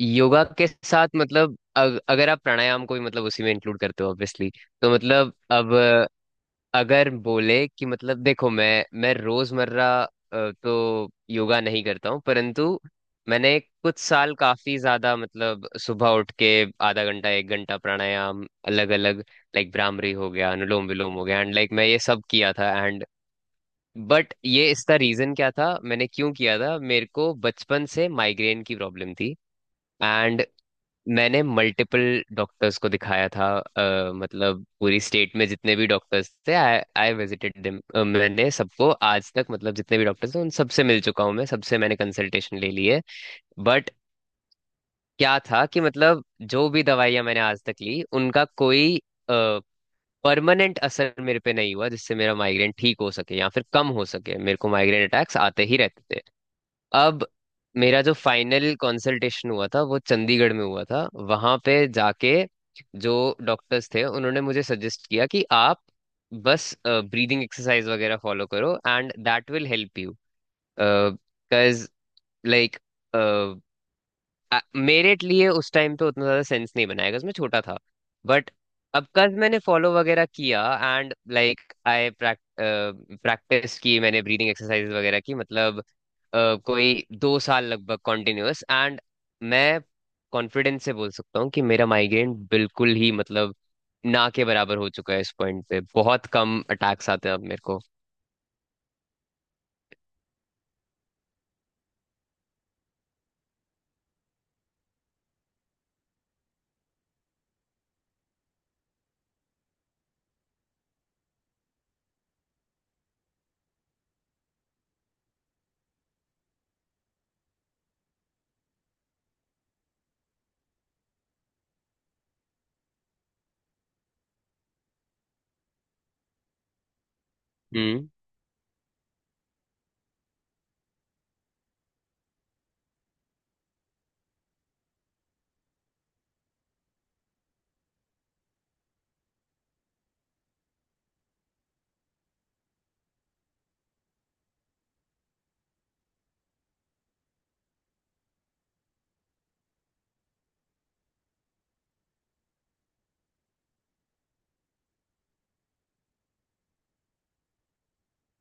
योगा के साथ मतलब अगर आप प्राणायाम को भी मतलब उसी में इंक्लूड करते हो ऑब्वियसली। तो मतलब अब अगर बोले कि मतलब देखो मैं रोजमर्रा तो योगा नहीं करता हूँ परंतु मैंने कुछ साल काफी ज्यादा मतलब सुबह उठ के आधा घंटा एक घंटा प्राणायाम अलग अलग, लाइक भ्रामरी हो गया, अनुलोम विलोम हो गया एंड लाइक मैं ये सब किया था। एंड बट ये, इसका रीजन क्या था, मैंने क्यों किया था? मेरे को बचपन से माइग्रेन की प्रॉब्लम थी। एंड मैंने मल्टीपल डॉक्टर्स को दिखाया था। मतलब पूरी स्टेट में जितने भी डॉक्टर्स थे आई आई विजिटेड देम। मैंने सबको आज तक मतलब जितने भी डॉक्टर्स हैं उन सबसे मिल चुका हूँ, मैं सबसे मैंने कंसल्टेशन ले ली है। बट क्या था कि मतलब जो भी दवाइयाँ मैंने आज तक ली उनका कोई परमानेंट असर मेरे पे नहीं हुआ जिससे मेरा माइग्रेन ठीक हो सके या फिर कम हो सके। मेरे को माइग्रेन अटैक्स आते ही रहते थे। अब मेरा जो फाइनल कंसल्टेशन हुआ था वो चंडीगढ़ में हुआ था। वहां पे जाके जो डॉक्टर्स थे उन्होंने मुझे सजेस्ट किया कि आप बस ब्रीदिंग एक्सरसाइज वगैरह फॉलो करो and that will help you. Because like मेरे लिए उस टाइम पे उतना ज्यादा सेंस नहीं बनाया बिकॉज मैं छोटा था। बट अब कज मैंने फॉलो वगैरह किया एंड लाइक आई प्रैक्टिस की, मैंने ब्रीदिंग एक्सरसाइज वगैरह की मतलब कोई 2 साल लगभग कॉन्टिन्यूअस। एंड मैं कॉन्फिडेंस से बोल सकता हूँ कि मेरा माइग्रेन बिल्कुल ही मतलब ना के बराबर हो चुका है। इस पॉइंट पे बहुत कम अटैक्स आते हैं अब मेरे को। हम्म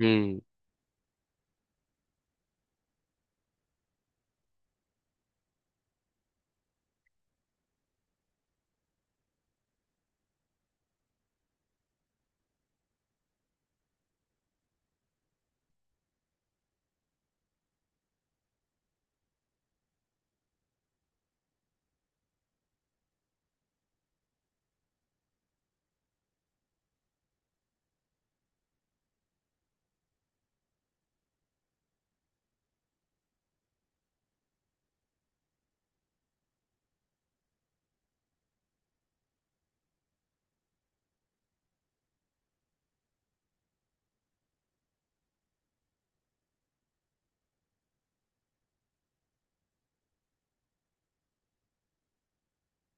हम्म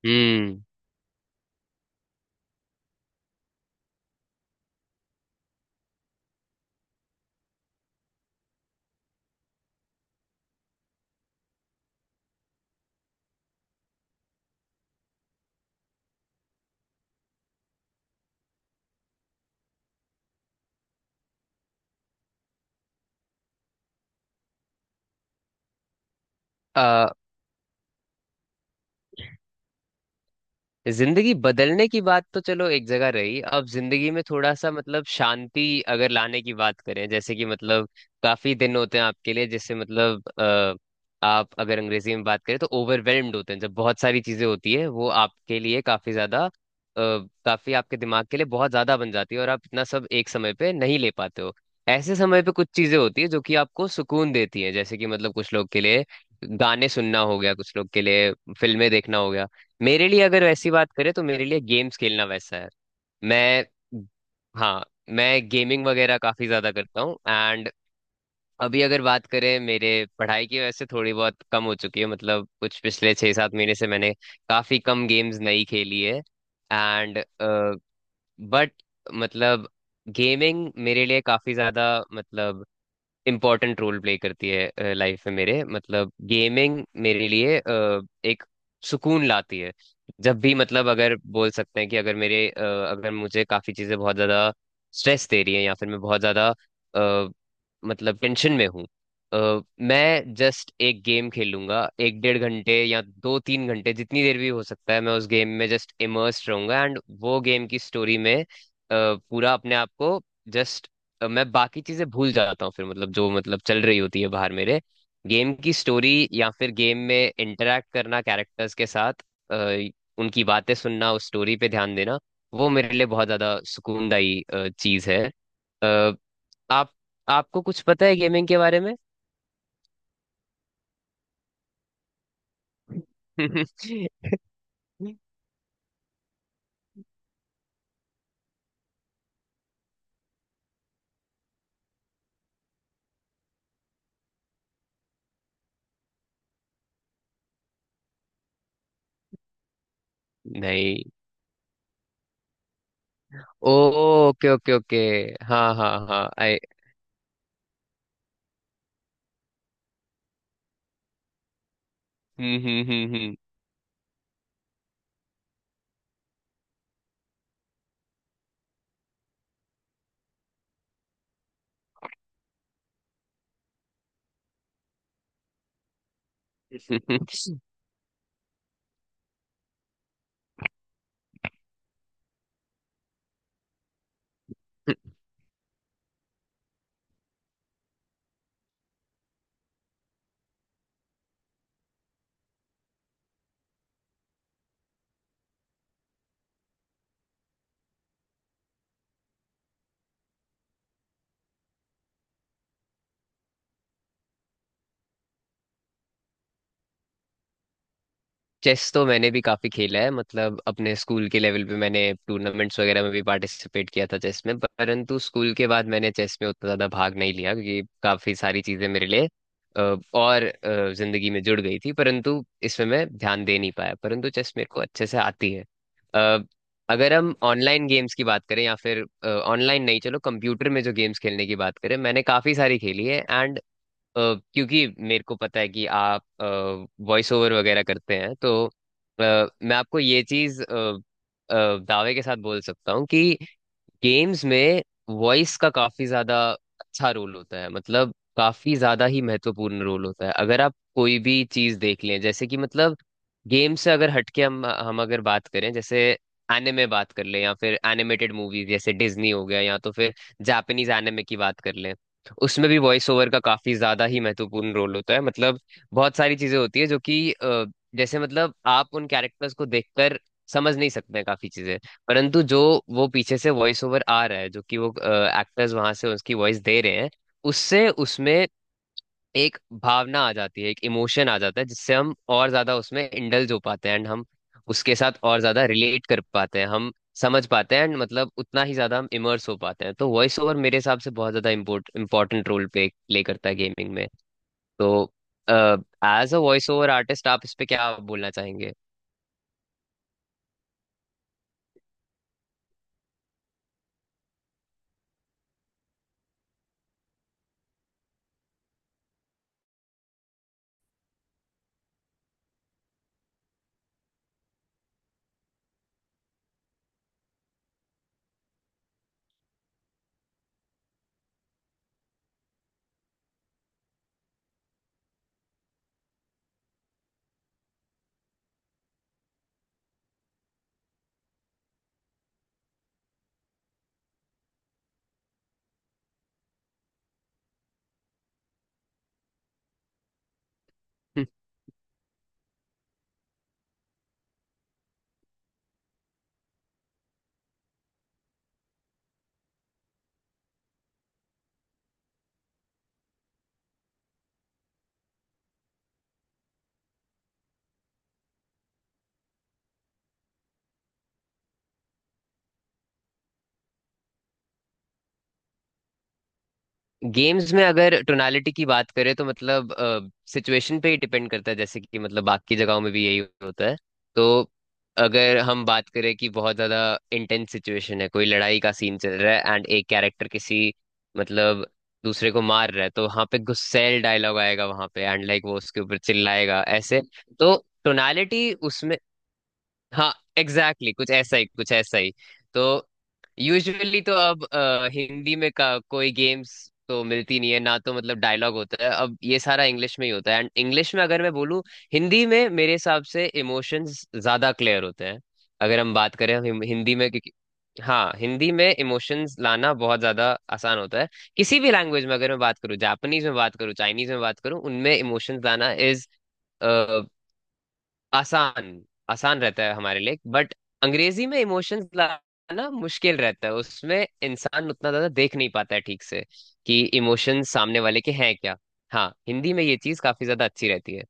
हम्म। जिंदगी बदलने की बात तो चलो एक जगह रही, अब जिंदगी में थोड़ा सा मतलब शांति अगर लाने की बात करें, जैसे कि मतलब काफी दिन होते हैं आपके लिए, जैसे मतलब आप अगर अंग्रेजी में बात करें तो ओवरवेल्म्ड होते हैं, जब बहुत सारी चीजें होती है वो आपके लिए काफी ज्यादा काफी आपके दिमाग के लिए बहुत ज्यादा बन जाती है और आप इतना सब एक समय पे नहीं ले पाते हो। ऐसे समय पे कुछ चीजें होती है जो कि आपको सुकून देती है, जैसे कि मतलब कुछ लोग के लिए गाने सुनना हो गया, कुछ लोग के लिए फिल्में देखना हो गया। मेरे लिए अगर वैसी बात करें तो मेरे लिए गेम्स खेलना वैसा है। मैं हाँ, मैं गेमिंग वगैरह काफी ज्यादा करता हूँ। एंड अभी अगर बात करें मेरे पढ़ाई की वैसे थोड़ी बहुत कम हो चुकी है, मतलब कुछ पिछले 6-7 महीने से मैंने काफी कम गेम्स नहीं खेली है। एंड बट मतलब गेमिंग मेरे लिए काफी ज्यादा मतलब इम्पोर्टेंट रोल प्ले करती है लाइफ में मेरे, मतलब गेमिंग मेरे लिए एक सुकून लाती है। जब भी मतलब अगर बोल सकते हैं कि अगर मेरे अ, अगर मुझे काफी चीजें बहुत ज्यादा स्ट्रेस दे रही हैं या फिर मैं बहुत ज्यादा अ, मतलब टेंशन में हूँ, मैं जस्ट एक गेम खेलूंगा एक डेढ़ घंटे या 2-3 घंटे जितनी देर भी हो सकता है। मैं उस गेम में जस्ट इमर्स्ड रहूंगा एंड वो गेम की स्टोरी में पूरा अपने आप को जस्ट मैं बाकी चीजें भूल जाता हूँ। फिर मतलब जो मतलब चल रही होती है बाहर मेरे, गेम की स्टोरी या फिर गेम में इंटरेक्ट करना कैरेक्टर्स के साथ अ, उनकी बातें सुनना, उस स्टोरी पे ध्यान देना, वो मेरे लिए बहुत ज्यादा सुकूनदायी चीज है। अ, आप आपको कुछ पता है गेमिंग के बारे में? नहीं। Oh, okay okay okay. हाँ हाँ हाँ, आई हम्म हम्म हम्म हम्म। चेस तो मैंने भी काफी खेला है, मतलब अपने स्कूल के लेवल पे मैंने टूर्नामेंट्स वगैरह में भी पार्टिसिपेट किया था चेस में। परंतु स्कूल के बाद मैंने चेस में उतना ज्यादा भाग नहीं लिया क्योंकि काफी सारी चीजें मेरे लिए और जिंदगी में जुड़ गई थी परंतु इसमें मैं ध्यान दे नहीं पाया। परंतु चेस मेरे को अच्छे से आती है। अ, अगर हम ऑनलाइन गेम्स की बात करें या फिर ऑनलाइन नहीं, चलो कंप्यूटर में जो गेम्स खेलने की बात करें मैंने काफी सारी खेली है। एंड अ, क्योंकि मेरे को पता है कि आप वॉइस ओवर वगैरह करते हैं, तो अ, मैं आपको ये चीज दावे के साथ बोल सकता हूँ कि गेम्स में वॉइस का काफी ज्यादा अच्छा रोल होता है। मतलब काफी ज्यादा ही महत्वपूर्ण रोल होता है। अगर आप कोई भी चीज देख लें, जैसे कि मतलब गेम से अगर हटके हम अगर बात करें, जैसे एनिमे बात कर लें या फिर एनिमेटेड मूवीज जैसे डिज्नी हो गया या तो फिर जापानीज एनिमे की बात कर लें, उसमें भी वॉइस ओवर का काफी ज्यादा ही महत्वपूर्ण रोल होता है। मतलब बहुत सारी चीजें होती है जो कि जैसे मतलब आप उन कैरेक्टर्स को देखकर समझ नहीं सकते हैं काफी चीजें, परंतु जो वो पीछे से वॉइस ओवर आ रहा है जो कि वो एक्टर्स वहां से उसकी वॉइस दे रहे हैं, उससे उसमें एक भावना आ जाती है, एक इमोशन आ जाता है जिससे हम और ज्यादा उसमें इंडल्ज हो पाते हैं एंड हम उसके साथ और ज्यादा रिलेट कर पाते हैं, हम समझ पाते हैं एंड मतलब उतना ही ज्यादा हम इमर्स हो पाते हैं। तो वॉइस ओवर मेरे हिसाब से बहुत ज्यादा इम्पोर्टेंट रोल प्ले प्ले करता है गेमिंग में। तो as uh voice over artist आप इस पे क्या बोलना चाहेंगे? गेम्स में अगर टोनालिटी की बात करें तो मतलब सिचुएशन पे ही डिपेंड करता है, जैसे कि मतलब बाकी जगहों में भी यही होता है। तो अगर हम बात करें कि बहुत ज्यादा इंटेंस सिचुएशन है, कोई लड़ाई का सीन चल रहा है एंड एक कैरेक्टर किसी मतलब दूसरे को मार रहा है, तो वहां पे गुस्सैल डायलॉग आएगा वहां पे एंड लाइक वो उसके ऊपर चिल्लाएगा ऐसे। तो टोनालिटी उसमें, हाँ, एग्जैक्टली exactly, कुछ ऐसा ही कुछ ऐसा ही। तो यूजुअली तो अब हिंदी में का कोई गेम्स तो मिलती नहीं है ना, तो मतलब डायलॉग होता है अब ये सारा इंग्लिश में ही होता है। एंड इंग्लिश में अगर मैं बोलूँ, हिंदी में मेरे हिसाब से इमोशंस ज्यादा क्लियर होते हैं अगर हम बात करें हम हिंदी में क्योंकि हाँ, हिंदी में इमोशंस लाना बहुत ज्यादा आसान होता है। किसी भी लैंग्वेज में अगर मैं बात करूँ जापानीज में बात करूँ चाइनीज में बात करूँ उनमें इमोशंस लाना इज आसान, आसान रहता है हमारे लिए। बट अंग्रेजी में इमोशंस लाना मुश्किल रहता है उसमें इंसान उतना ज्यादा देख नहीं पाता है ठीक से कि इमोशंस सामने वाले के हैं क्या। हाँ हिंदी में ये चीज काफी ज्यादा अच्छी रहती है।